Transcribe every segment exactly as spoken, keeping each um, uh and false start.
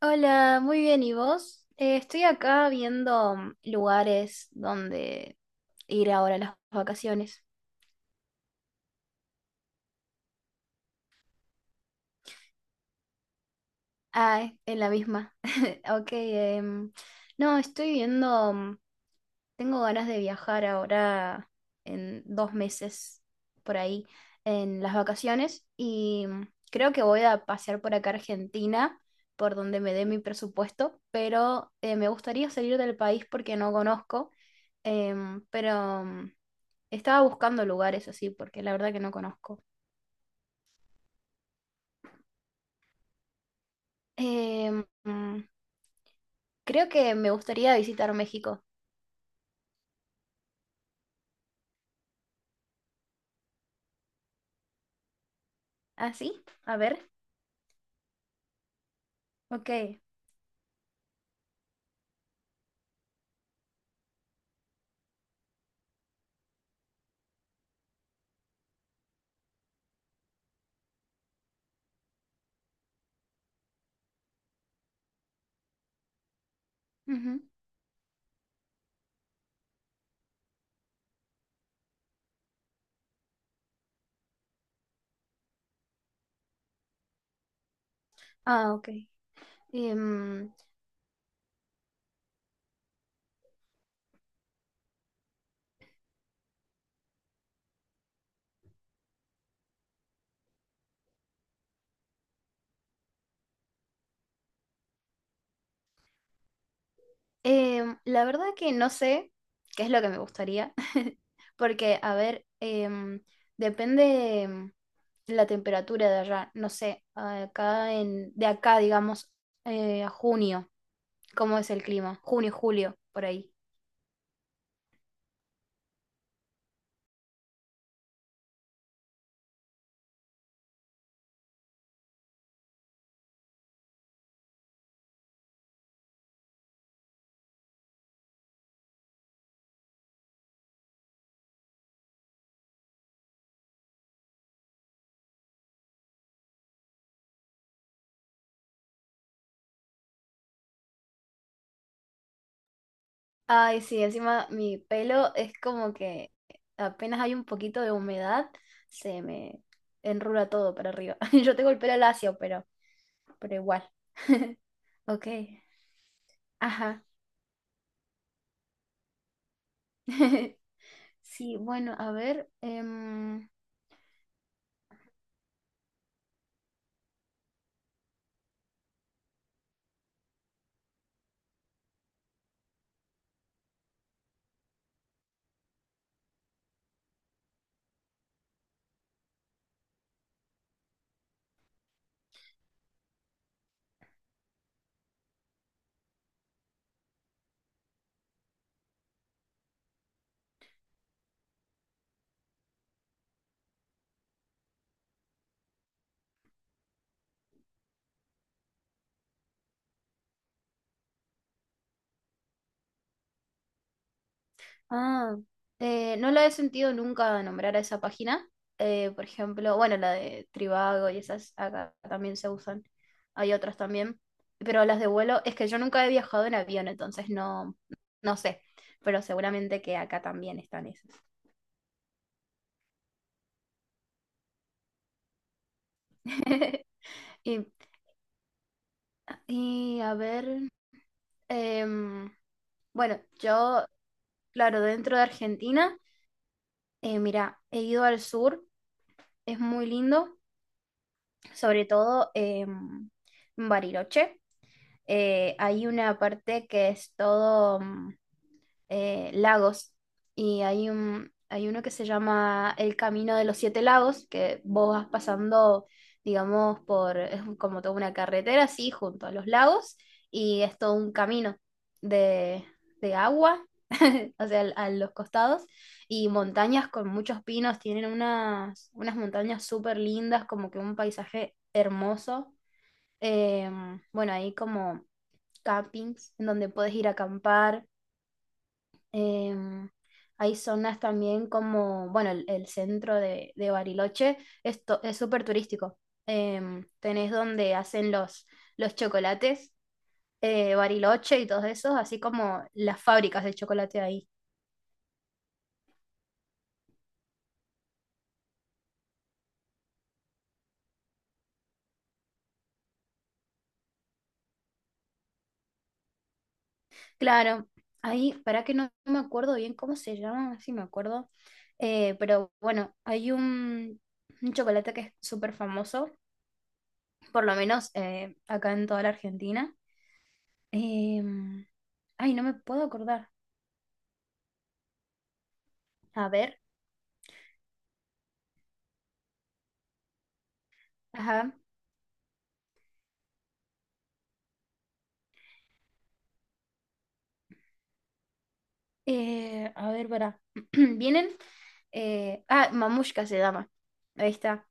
Hola, muy bien, ¿y vos? Eh, estoy acá viendo mm, lugares donde ir ahora a las vacaciones. Ah, en la misma. Ok, em, no, estoy viendo. mm, Tengo ganas de viajar ahora en dos meses por ahí en las vacaciones y creo que voy a pasear por acá a Argentina, por donde me dé mi presupuesto, pero eh, me gustaría salir del país porque no conozco, em, pero mm, estaba buscando lugares así porque la verdad que no conozco. Em, mm, Creo que me gustaría visitar México. ¿Ah, sí? A ver. Ok. Ujú. Ah, ok. Em, Em, la verdad que no sé qué es lo que me gustaría, porque, a ver, em, depende em, la temperatura de allá, no sé, acá en, de acá, digamos, eh, a junio, ¿cómo es el clima? Junio, julio, por ahí. Ay, sí, encima mi pelo es como que apenas hay un poquito de humedad, se me enrula todo para arriba. Yo tengo el pelo lacio, pero, pero igual. Ok, ajá. Sí, bueno, a ver. em, ah, eh, no la he sentido nunca nombrar a esa página. Eh, por ejemplo, bueno, la de Trivago y esas acá también se usan. Hay otras también. Pero las de vuelo, es que yo nunca he viajado en avión, entonces no, no sé. Pero seguramente que acá también están esas. Y, y a ver. em, bueno, yo, claro, dentro de Argentina, eh, mira, he ido al sur, es muy lindo. Sobre todo en Bariloche. Eh, hay una parte que es todo... mm, eh, lagos y hay un, hay uno que se llama El Camino de los Siete Lagos, que vos vas pasando, digamos, por, es como toda una carretera así junto a los lagos y es todo un camino de, de agua, o sea, al- a los costados y montañas con muchos pinos, tienen unas, unas montañas súper lindas, como que un paisaje hermoso. Em, bueno, ahí como campings en donde puedes ir a acampar. Em, Hay zonas también como, bueno, el, el centro de, de Bariloche es to- es súper turístico. Em, tenés donde hacen los, los chocolates, eh, Bariloche y todos esos, así como las fábricas de chocolate ahí. Claro, ahí, para que no me acuerdo bien cómo se llama, a ver si me acuerdo. Eh, pero bueno, hay un, un chocolate que es súper famoso, por lo menos eh, acá en toda la Argentina. Em, Ay, no me puedo acordar. A ver, ajá. Eh, a ver, para. Vienen. eh, ah, Mamushka se llama. Ahí está.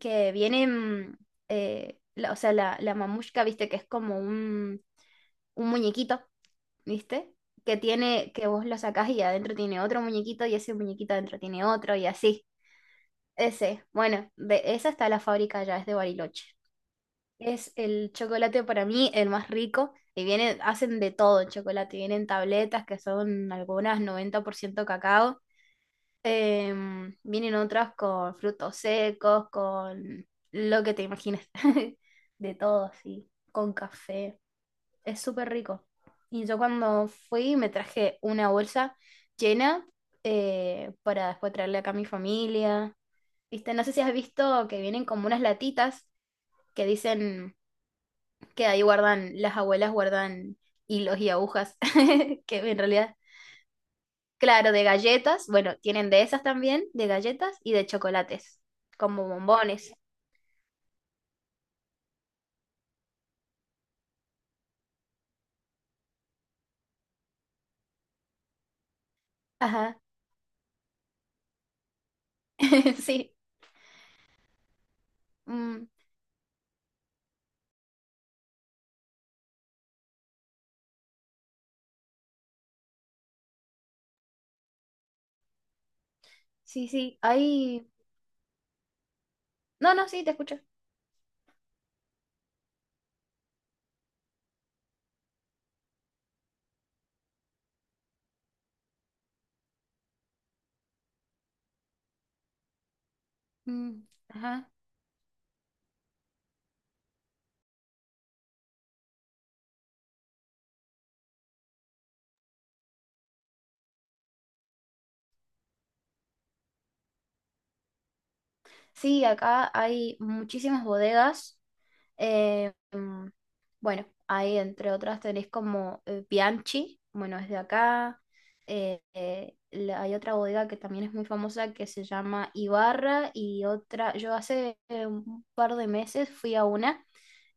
Que vienen. Eh, la- o sea, la, la mamushka, viste, que es como un, un muñequito, ¿viste? Que tiene, que vos lo sacás y adentro tiene otro muñequito, y ese muñequito adentro tiene otro, y así. Ese. Bueno, de esa está la fábrica ya, es de Bariloche. Es el chocolate para mí el más rico y viene, hacen de todo el chocolate. Vienen tabletas que son algunas noventa por ciento cacao. Em, vienen otras con frutos secos, con lo que te imagines. De todo así, con café. Es súper rico. Y yo cuando fui me traje una bolsa llena eh, para después traerle acá a mi familia. ¿Viste? No sé si has visto que vienen como unas latitas que dicen que ahí guardan, las abuelas guardan hilos y agujas, que en realidad, claro, de galletas, bueno, tienen de esas también, de galletas y de chocolates, como bombones. Ajá, sí, mm, sí, sí, hay... No, no, sí, te escucho. Mm, ajá. Sí, acá hay muchísimas bodegas. Eh, mm, bueno, ahí entre otras tenéis como eh, Bianchi, bueno, es de acá. Eh, eh, la- hay otra bodega que también es muy famosa que se llama Ibarra y otra, yo hace eh, un par de meses fui a una,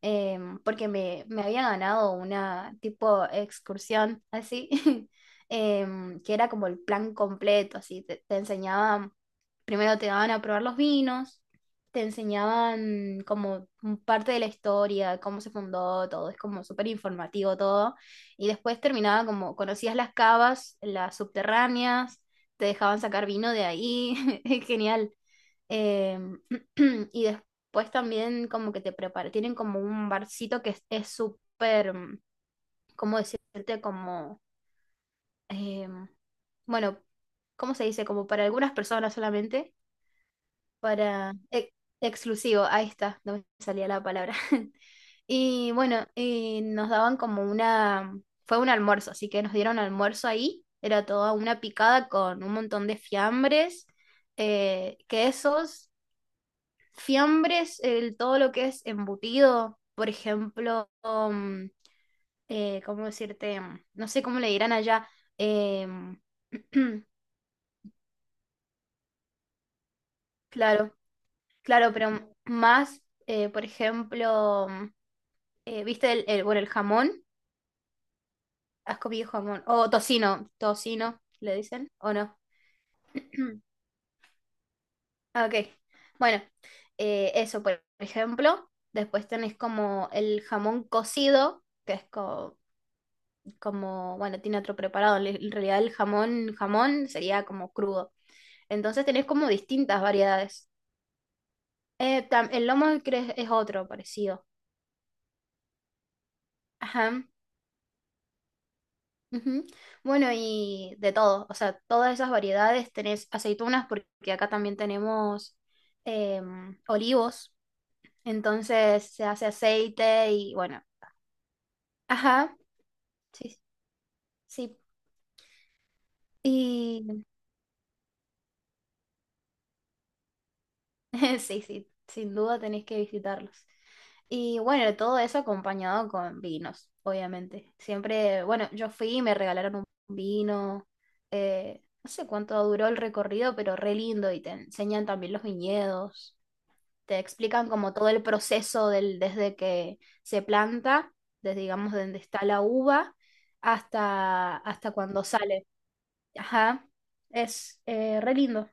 em, porque me, me había ganado una tipo excursión así, em, que era como el plan completo, así, te, te enseñaban, primero te daban a probar los vinos, te enseñaban como un parte de la historia, cómo se fundó todo, es como súper informativo todo, y después terminaba como, conocías las cavas, las subterráneas, te dejaban sacar vino de ahí, es genial. Em, y pues también como que te prepara, tienen como un barcito que es es súper, mm, ¿cómo decirte? Como, em, bueno, ¿cómo se dice? Como para algunas personas solamente, para e- exclusivo, ahí está, no me salía la palabra. Y bueno, y nos daban como una, fue un almuerzo, así que nos dieron almuerzo ahí, era toda una picada con un montón de fiambres, eh, quesos. Fiambres, el, todo lo que es embutido, por ejemplo, um, eh, ¿cómo decirte? Mm, No sé cómo le dirán allá. em, claro, claro, pero más, eh, por ejemplo, mm, eh, ¿viste el, el- bueno, el jamón? ¿Has comido jamón? O tocino, tocino, le dicen, ¿o no? Ah, ok, bueno, eh, eso por ejemplo. Después tenés como el jamón cocido, que es como, como, bueno, tiene otro preparado. Le- En realidad el jamón, jamón sería como crudo. Entonces tenés como distintas variedades. Eh, tam- el lomo cre- es otro parecido. Ajá. Ujú. Bueno, y de todo, o sea, todas esas variedades tenés aceitunas porque acá también tenemos em, olivos, entonces se hace aceite y bueno, ajá, sí, sí, y sí, sí, sin duda tenés que visitarlos. Y bueno, todo eso acompañado con vinos, obviamente. Siempre, bueno, yo fui y me regalaron un vino. Eh, no sé cuánto duró el recorrido, pero re lindo. Y te enseñan también los viñedos. Te explican como todo el proceso del, desde que se planta, desde digamos donde está la uva, hasta, hasta cuando sale. Ajá, es eh, re lindo.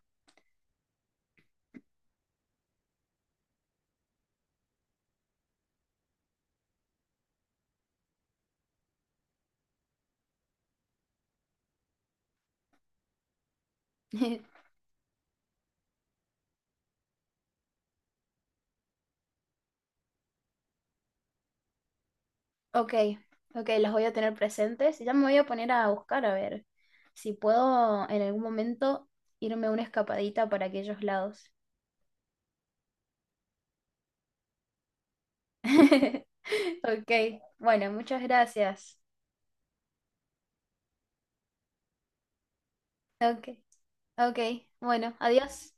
Ok, ok, los voy a tener presentes. Ya me voy a poner a buscar a ver si puedo en algún momento irme a una escapadita para aquellos lados. Ok, bueno, muchas gracias. Ok, ok, bueno, adiós.